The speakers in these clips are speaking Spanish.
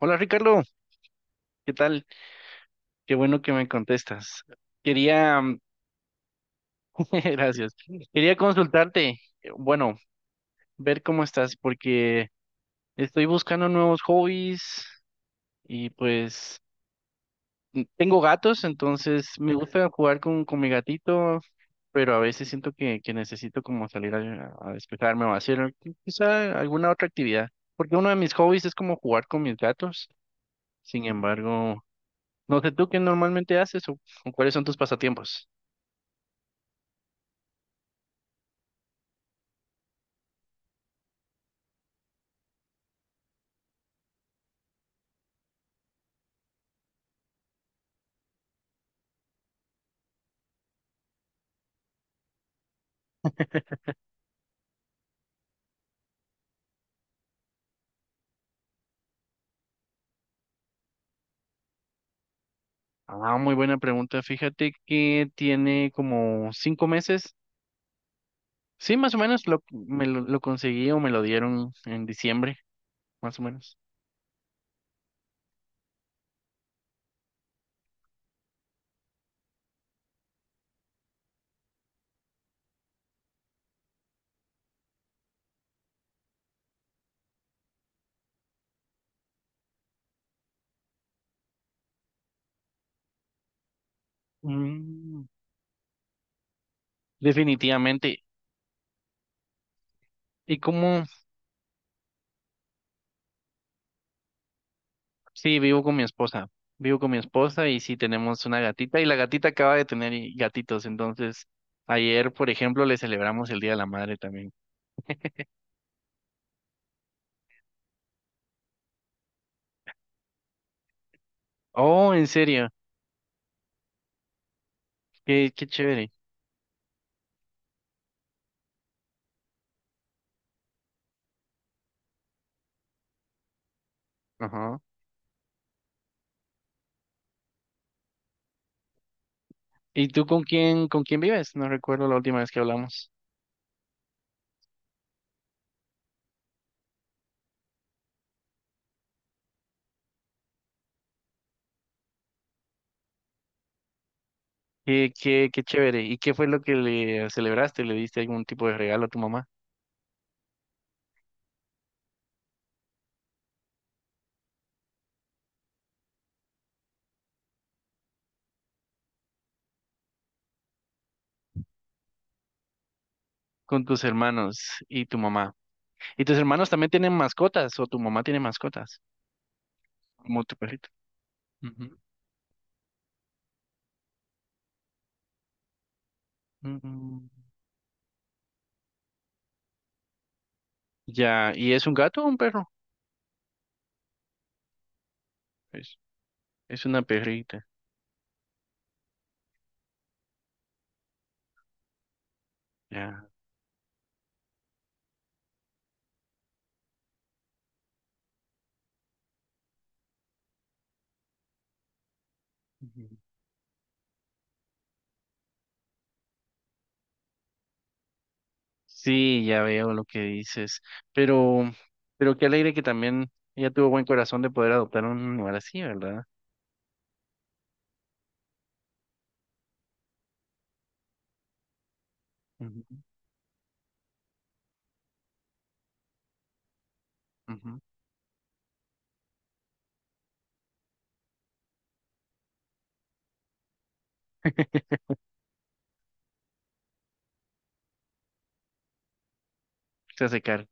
Hola Ricardo, ¿qué tal? Qué bueno que me contestas. Quería, mm, gracias, quería consultarte, bueno, ver cómo estás, porque estoy buscando nuevos hobbies y pues tengo gatos, entonces me gusta jugar con mi gatito, pero a veces siento que necesito como salir a despejarme o hacer quizá alguna otra actividad, porque uno de mis hobbies es como jugar con mis gatos. Sin embargo, no sé tú qué normalmente haces o cuáles son tus pasatiempos. Ah, muy buena pregunta. Fíjate que tiene como 5 meses. Sí, más o menos lo conseguí o me lo dieron en diciembre, más o menos. Mm, definitivamente. Y cómo sí, vivo con mi esposa. Vivo con mi esposa y sí tenemos una gatita y la gatita acaba de tener gatitos. Entonces, ayer, por ejemplo, le celebramos el Día de la Madre también. Oh, en serio. Qué chévere. Ajá. ¿Y tú con con quién vives? No recuerdo la última vez que hablamos. Qué chévere. ¿Y qué fue lo que le celebraste? ¿Le diste algún tipo de regalo a tu mamá? Con tus hermanos y tu mamá. ¿Y tus hermanos también tienen mascotas o tu mamá tiene mascotas? Como tu perrito. Ujú. Mm, Ya, ¿y es un gato o un perro? Es, es una perrita. Ya. Ujú. Sí, ya veo lo que dices. Pero, pero qué alegre que también ella tuvo buen corazón de poder adoptar un animal así, ¿verdad? Ujú, ujú. Se hace cargo.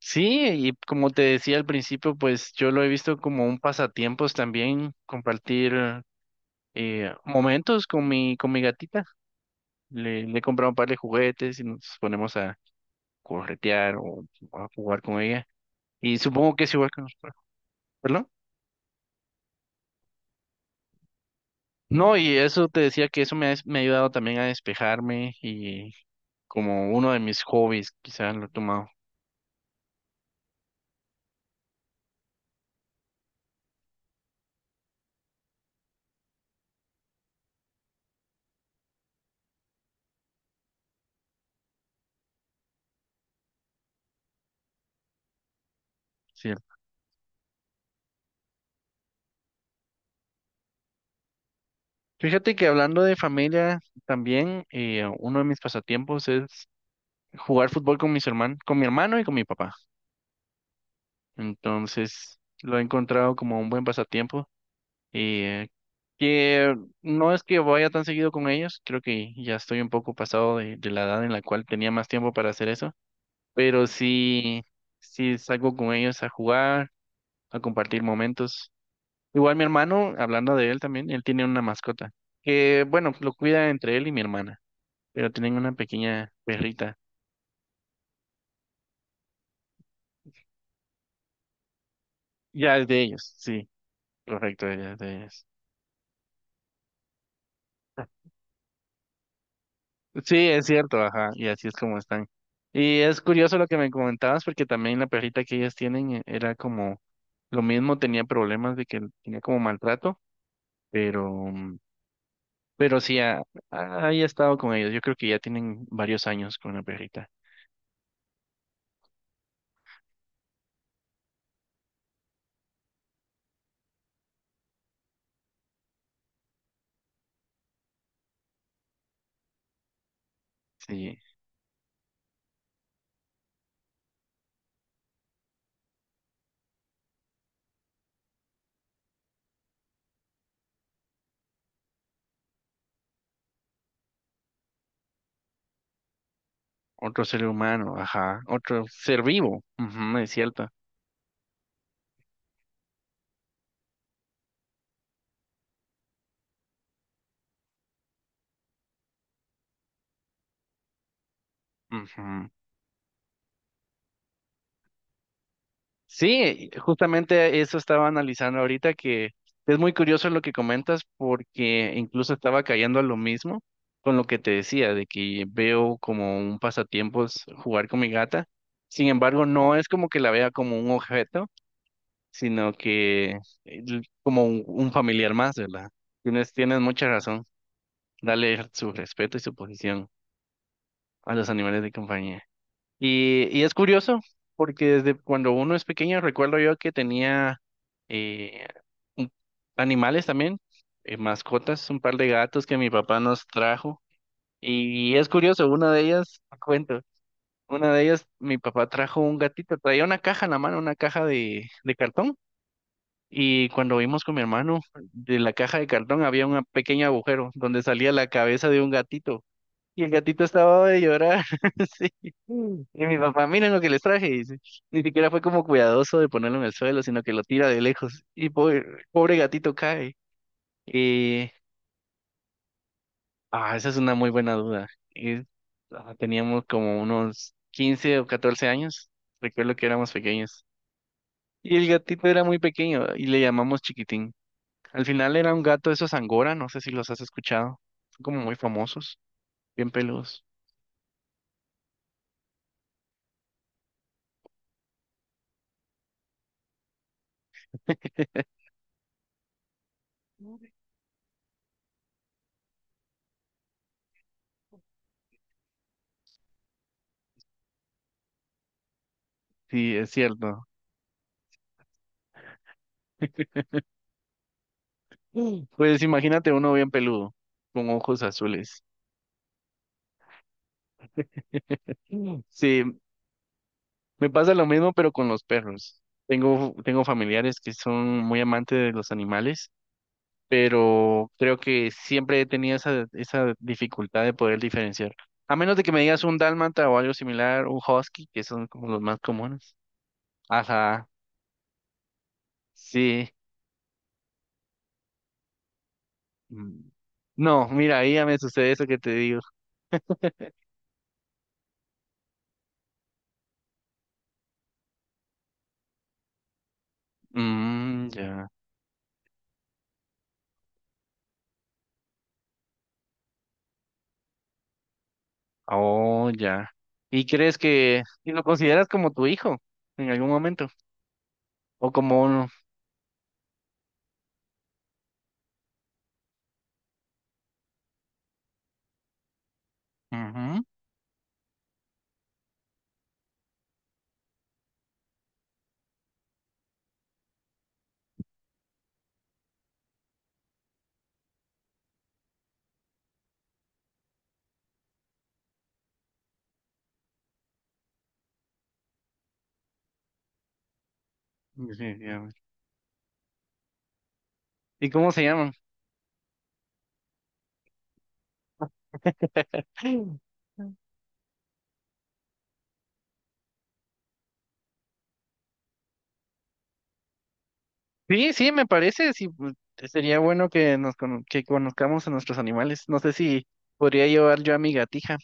Sí, y como te decía al principio, pues yo lo he visto como un pasatiempos también, compartir momentos con con mi gatita. Le he comprado un par de juguetes y nos ponemos a corretear o a jugar con ella. Y supongo que es igual que nosotros, ¿verdad? No, y eso te decía que eso me me ha ayudado también a despejarme y como uno de mis hobbies, quizás lo he tomado, sí. Fíjate que hablando de familia, también uno de mis pasatiempos es jugar fútbol con mis hermanos, con mi hermano y con mi papá. Entonces, lo he encontrado como un buen pasatiempo y que no es que vaya tan seguido con ellos, creo que ya estoy un poco pasado de la edad en la cual tenía más tiempo para hacer eso, pero sí salgo con ellos a jugar, a compartir momentos. Igual mi hermano, hablando de él también, él tiene una mascota que, bueno, lo cuida entre él y mi hermana, pero tienen una pequeña perrita. Ya es de ellos, sí, correcto, ya es de ellos. Sí, es cierto, ajá, y así es como están. Y es curioso lo que me comentabas, porque también la perrita que ellas tienen era como lo mismo, tenía problemas de que tenía como maltrato, pero, pero sí, ahí he estado con ellos. Yo creo que ya tienen varios años con la perrita. Sí, otro ser humano, ajá, otro ser vivo, ujú, es cierto. Ujú. Sí, justamente eso estaba analizando ahorita, que es muy curioso lo que comentas porque incluso estaba cayendo a lo mismo con lo que te decía, de que veo como un pasatiempos jugar con mi gata. Sin embargo, no es como que la vea como un objeto, sino que como un familiar más, ¿verdad? Tienes mucha razón. Dale su respeto y su posición a los animales de compañía. Y es curioso, porque desde cuando uno es pequeño recuerdo yo que tenía eh, un- animales también, mascotas, un par de gatos que mi papá nos trajo. Y es curioso, una de ellas, te cuento, una de ellas, mi papá trajo un gatito, traía una caja en la mano, una caja de cartón. Y cuando vimos con mi hermano, de la caja de cartón había un pequeño agujero donde salía la cabeza de un gatito. Y el gatito estaba de llorar. Sí. Y mi papá, miren lo que les traje. Dice. Ni siquiera fue como cuidadoso de ponerlo en el suelo, sino que lo tira de lejos. Y pobre, pobre gatito cae. Y, esa es una muy buena duda. Y, teníamos como unos 15 o 14 años. Recuerdo que éramos pequeños. Y el gatito era muy pequeño y le llamamos Chiquitín. Al final era un gato de esos Angora, no sé si los has escuchado. Son como muy famosos, bien peludos. Sí, es cierto. Mm. Pues imagínate uno bien peludo, con ojos azules. Mm. Sí, me pasa lo mismo, pero con los perros. Tengo familiares que son muy amantes de los animales, pero creo que siempre he tenido esa dificultad de poder diferenciar. A menos de que me digas un dálmata o algo similar, un husky, que son como los más comunes. Ajá, sí. Mm. No, mira, ahí ya me sucede eso que te digo. Mm, ya. Oh, ya. ¿Y crees que y lo consideras como tu hijo en algún momento? ¿O como uno? Ujú, definitivamente. ¿Y cómo se llaman? Sí, sí, me parece. Sí, pues, sería bueno que nos que conozcamos a nuestros animales. No sé si podría llevar yo a mi gatija.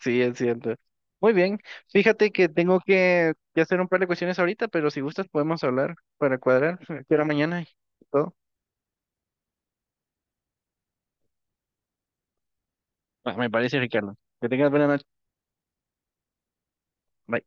Sí, es cierto. Muy bien. Fíjate que tengo que hacer un par de cuestiones ahorita, pero si gustas podemos hablar para cuadrar. ¿A ¿Qué hora mañana? Y todo. Ah, me parece, Ricardo. Que tengas buena noche. Bye.